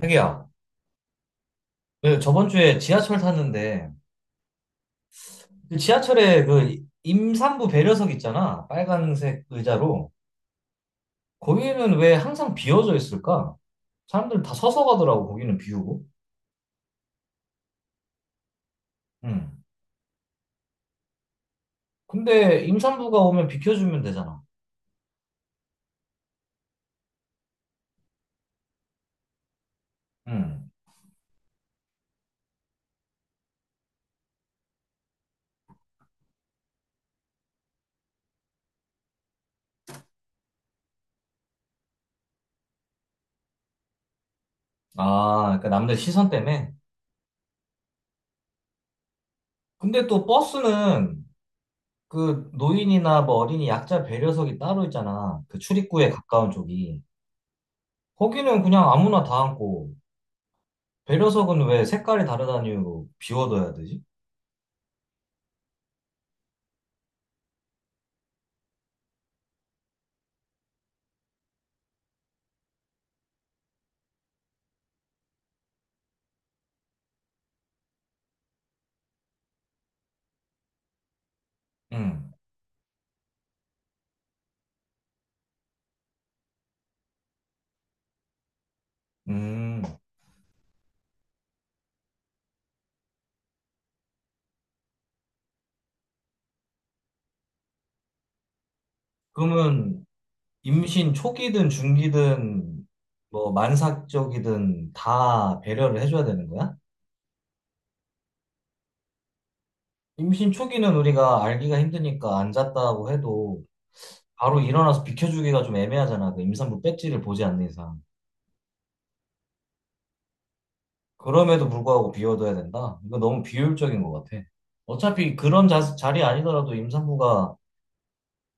자기야, 그 저번 주에 지하철 탔는데, 그 지하철에 그 임산부 배려석 있잖아. 빨간색 의자로. 거기는 왜 항상 비어져 있을까? 사람들 다 서서 가더라고, 거기는 비우고. 응. 근데 임산부가 오면 비켜주면 되잖아. 응. 아, 그러니까 남들 시선 때문에. 근데 또 버스는 그 노인이나 뭐 어린이 약자 배려석이 따로 있잖아. 그 출입구에 가까운 쪽이. 거기는 그냥 아무나 다 앉고. 배려석은 왜 색깔이 다르다는 이유로 비워둬야 되지? 응. 음. 그러면 임신 초기든 중기든 뭐 만삭적이든 다 배려를 해줘야 되는 거야? 임신 초기는 우리가 알기가 힘드니까 앉았다고 해도 바로 일어나서 비켜주기가 좀 애매하잖아. 그 임산부 배지를 보지 않는 이상. 그럼에도 불구하고 비워둬야 된다? 이거 너무 비효율적인 것 같아. 어차피 그런 자리 아니더라도 임산부가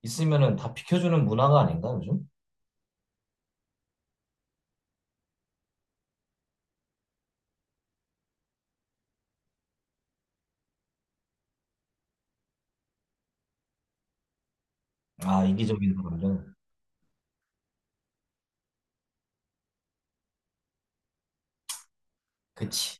있으면은 다 비켜주는 문화가 아닌가, 요즘? 아, 이기적인 사람들. 그치.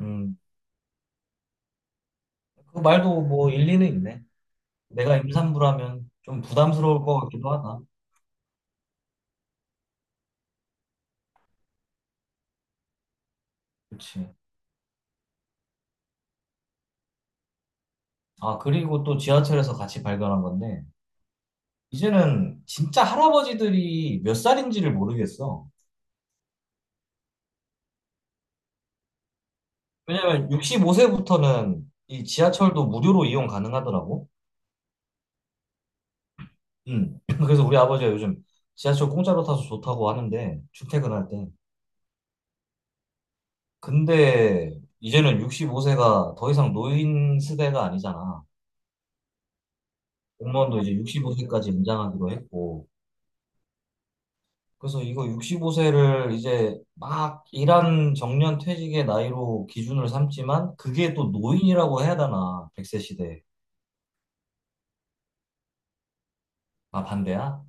음, 그 말도 뭐 일리는 있네. 내가 임산부라면 좀 부담스러울 것 같기도 하다. 그치. 아, 그리고 또 지하철에서 같이 발견한 건데, 이제는 진짜 할아버지들이 몇 살인지를 모르겠어. 왜냐면 65세부터는 이 지하철도 무료로 이용 가능하더라고. 음. 그래서 우리 아버지가 요즘 지하철 공짜로 타서 좋다고 하는데, 출퇴근할 때. 근데 이제는 65세가 더 이상 노인 세대가 아니잖아. 공무원도 이제 65세까지 연장하기로 했고, 그래서 이거 65세를 이제 막 일한 정년 퇴직의 나이로 기준을 삼지만, 그게 또 노인이라고 해야 되나, 100세 시대에. 아, 반대야?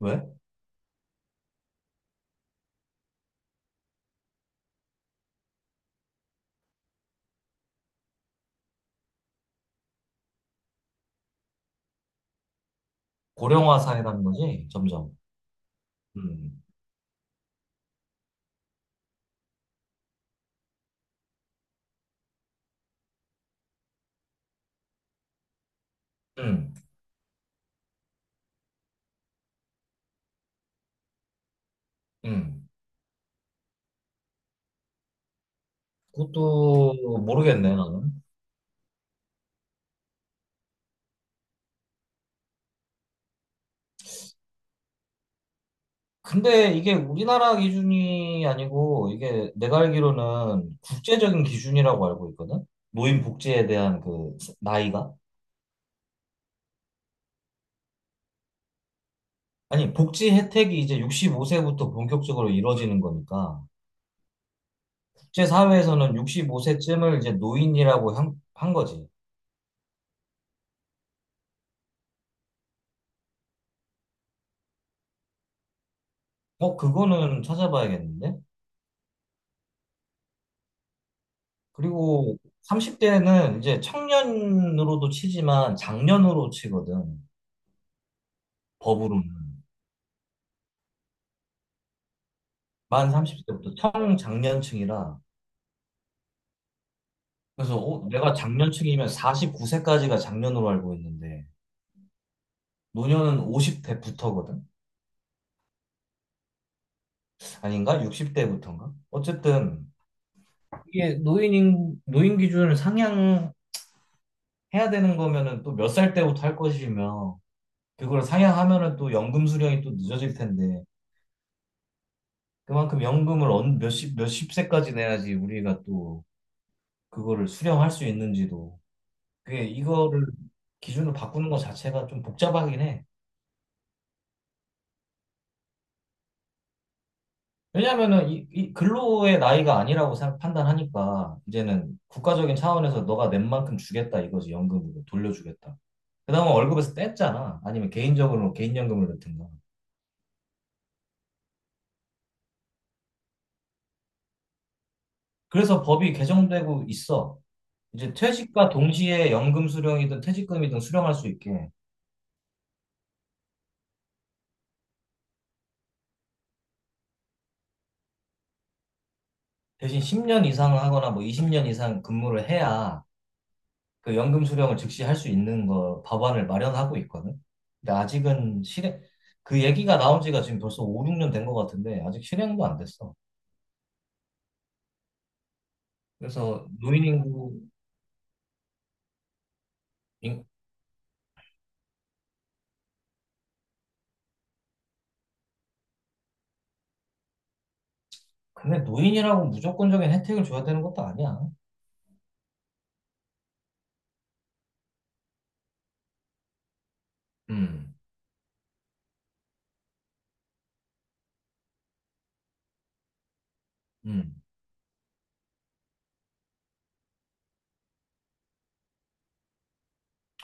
왜? 고령화 사회라는 거지, 점점. 음, 음, 음. 그것도 모르겠네, 나는. 근데 이게 우리나라 기준이 아니고, 이게 내가 알기로는 국제적인 기준이라고 알고 있거든? 노인 복지에 대한 그 나이가? 아니, 복지 혜택이 이제 65세부터 본격적으로 이루어지는 거니까, 국제사회에서는 65세쯤을 이제 노인이라고 한 거지. 어, 그거는 찾아봐야겠는데? 그리고 30대는 이제 청년으로도 치지만 장년으로 치거든. 법으로는. 만 30세부터 청장년층이라. 그래서 어, 내가 장년층이면 49세까지가 장년으로 알고 있는데, 노년은 50대부터거든? 아닌가? 60대부터인가? 어쨌든, 이게 노인 기준을 상향해야 되는 거면은 또 몇 살 때부터 할 것이며 그걸 상향하면은 또 연금 수령이 또 늦어질 텐데 그만큼 연금을 몇십 몇십 세까지 내야지 우리가 또 그거를 수령할 수 있는지도 그게 이거를 기준을 바꾸는 것 자체가 좀 복잡하긴 해. 왜냐면은 이 근로의 나이가 아니라고 판단하니까 이제는 국가적인 차원에서 너가 낸 만큼 주겠다 이거지 연금으로 돌려주겠다. 그나마 월급에서 뗐잖아. 아니면 개인적으로 개인연금을 넣든가. 그래서 법이 개정되고 있어. 이제 퇴직과 동시에 연금 수령이든 퇴직금이든 수령할 수 있게 대신 10년 이상 하거나 뭐 20년 이상 근무를 해야 그 연금 수령을 즉시 할 수 있는 거 법안을 마련하고 있거든. 근데 아직은 실행 그 얘기가 나온 지가 지금 벌써 5, 6년 된 것 같은데 아직 실행도 안 됐어. 그래서 노인 인구 인- 근데 노인이라고 무조건적인 혜택을 줘야 되는 것도 아니야. 음. 음.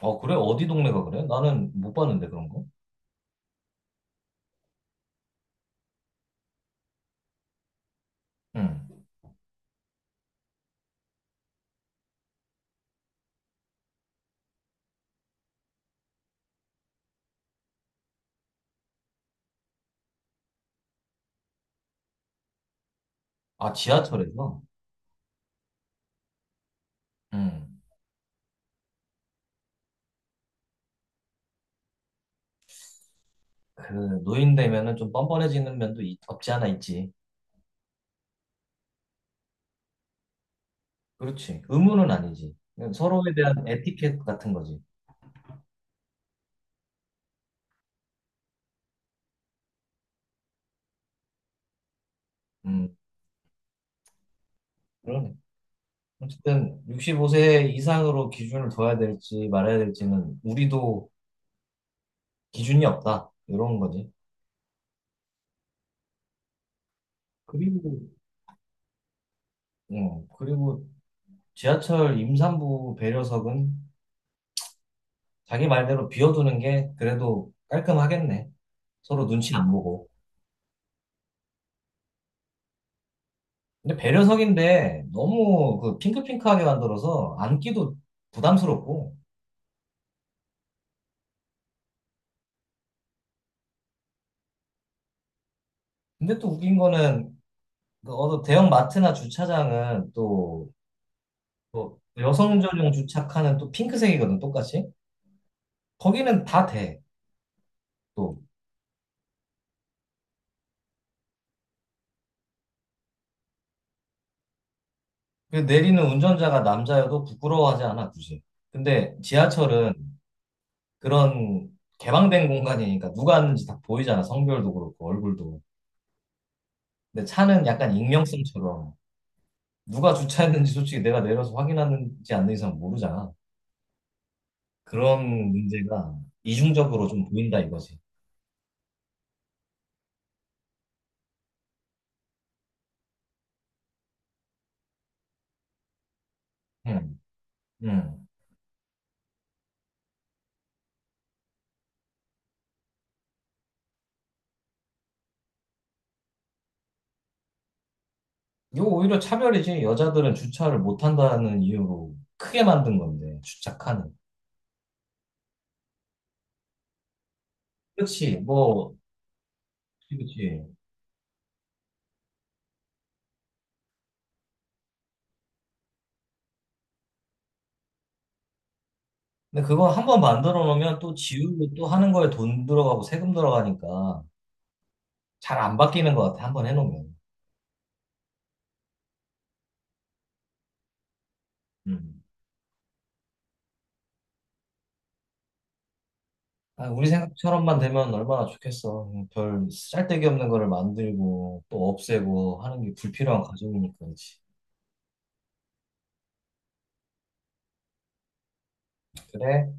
어, 그래? 어디 동네가 그래? 나는 못 봤는데, 그런 거. 응. 아, 지하철에서? 응. 그, 노인 되면은 좀 뻔뻔해지는 면도 없지 않아 있지. 그렇지. 의무는 아니지. 그냥 서로에 대한 에티켓 같은 거지. 음, 그러네. 어쨌든, 65세 이상으로 기준을 둬야 될지 말아야 될지는 우리도 기준이 없다. 이런 거지. 그리고, 응. 그리고 지하철 임산부 배려석은 자기 말대로 비워두는 게 그래도 깔끔하겠네. 서로 눈치 안 보고. 근데 배려석인데 너무 그 핑크핑크하게 만들어서 앉기도 부담스럽고. 근데 또 웃긴 거는 그 어느 대형 마트나 주차장은 또 또 여성 전용 주차칸은 또 핑크색이거든, 똑같이. 거기는 다 돼, 또. 그 내리는 운전자가 남자여도 부끄러워하지 않아, 굳이. 근데 지하철은 그런 개방된 공간이니까 누가 하는지 다 보이잖아, 성별도 그렇고, 얼굴도. 근데 차는 약간 익명성처럼 누가 주차했는지 솔직히 내가 내려서 확인하는지 않는 이상 모르잖아. 그런 문제가 이중적으로 좀 보인다 이거지. 응, 응. 이거 오히려 차별이지. 여자들은 주차를 못한다는 이유로 크게 만든 건데, 주차 칸을. 그렇지, 뭐, 그렇지. 근데 그거 한번 만들어 놓으면 또 지우고 또 하는 거에 돈 들어가고 세금 들어가니까 잘 안 바뀌는 것 같아, 한번 해놓으면. 음. 아, 우리 생각처럼만 되면 얼마나 좋겠어. 별 쓸데기 없는 거를 만들고 또 없애고 하는 게 불필요한 과정이니까, 그렇지. 그래?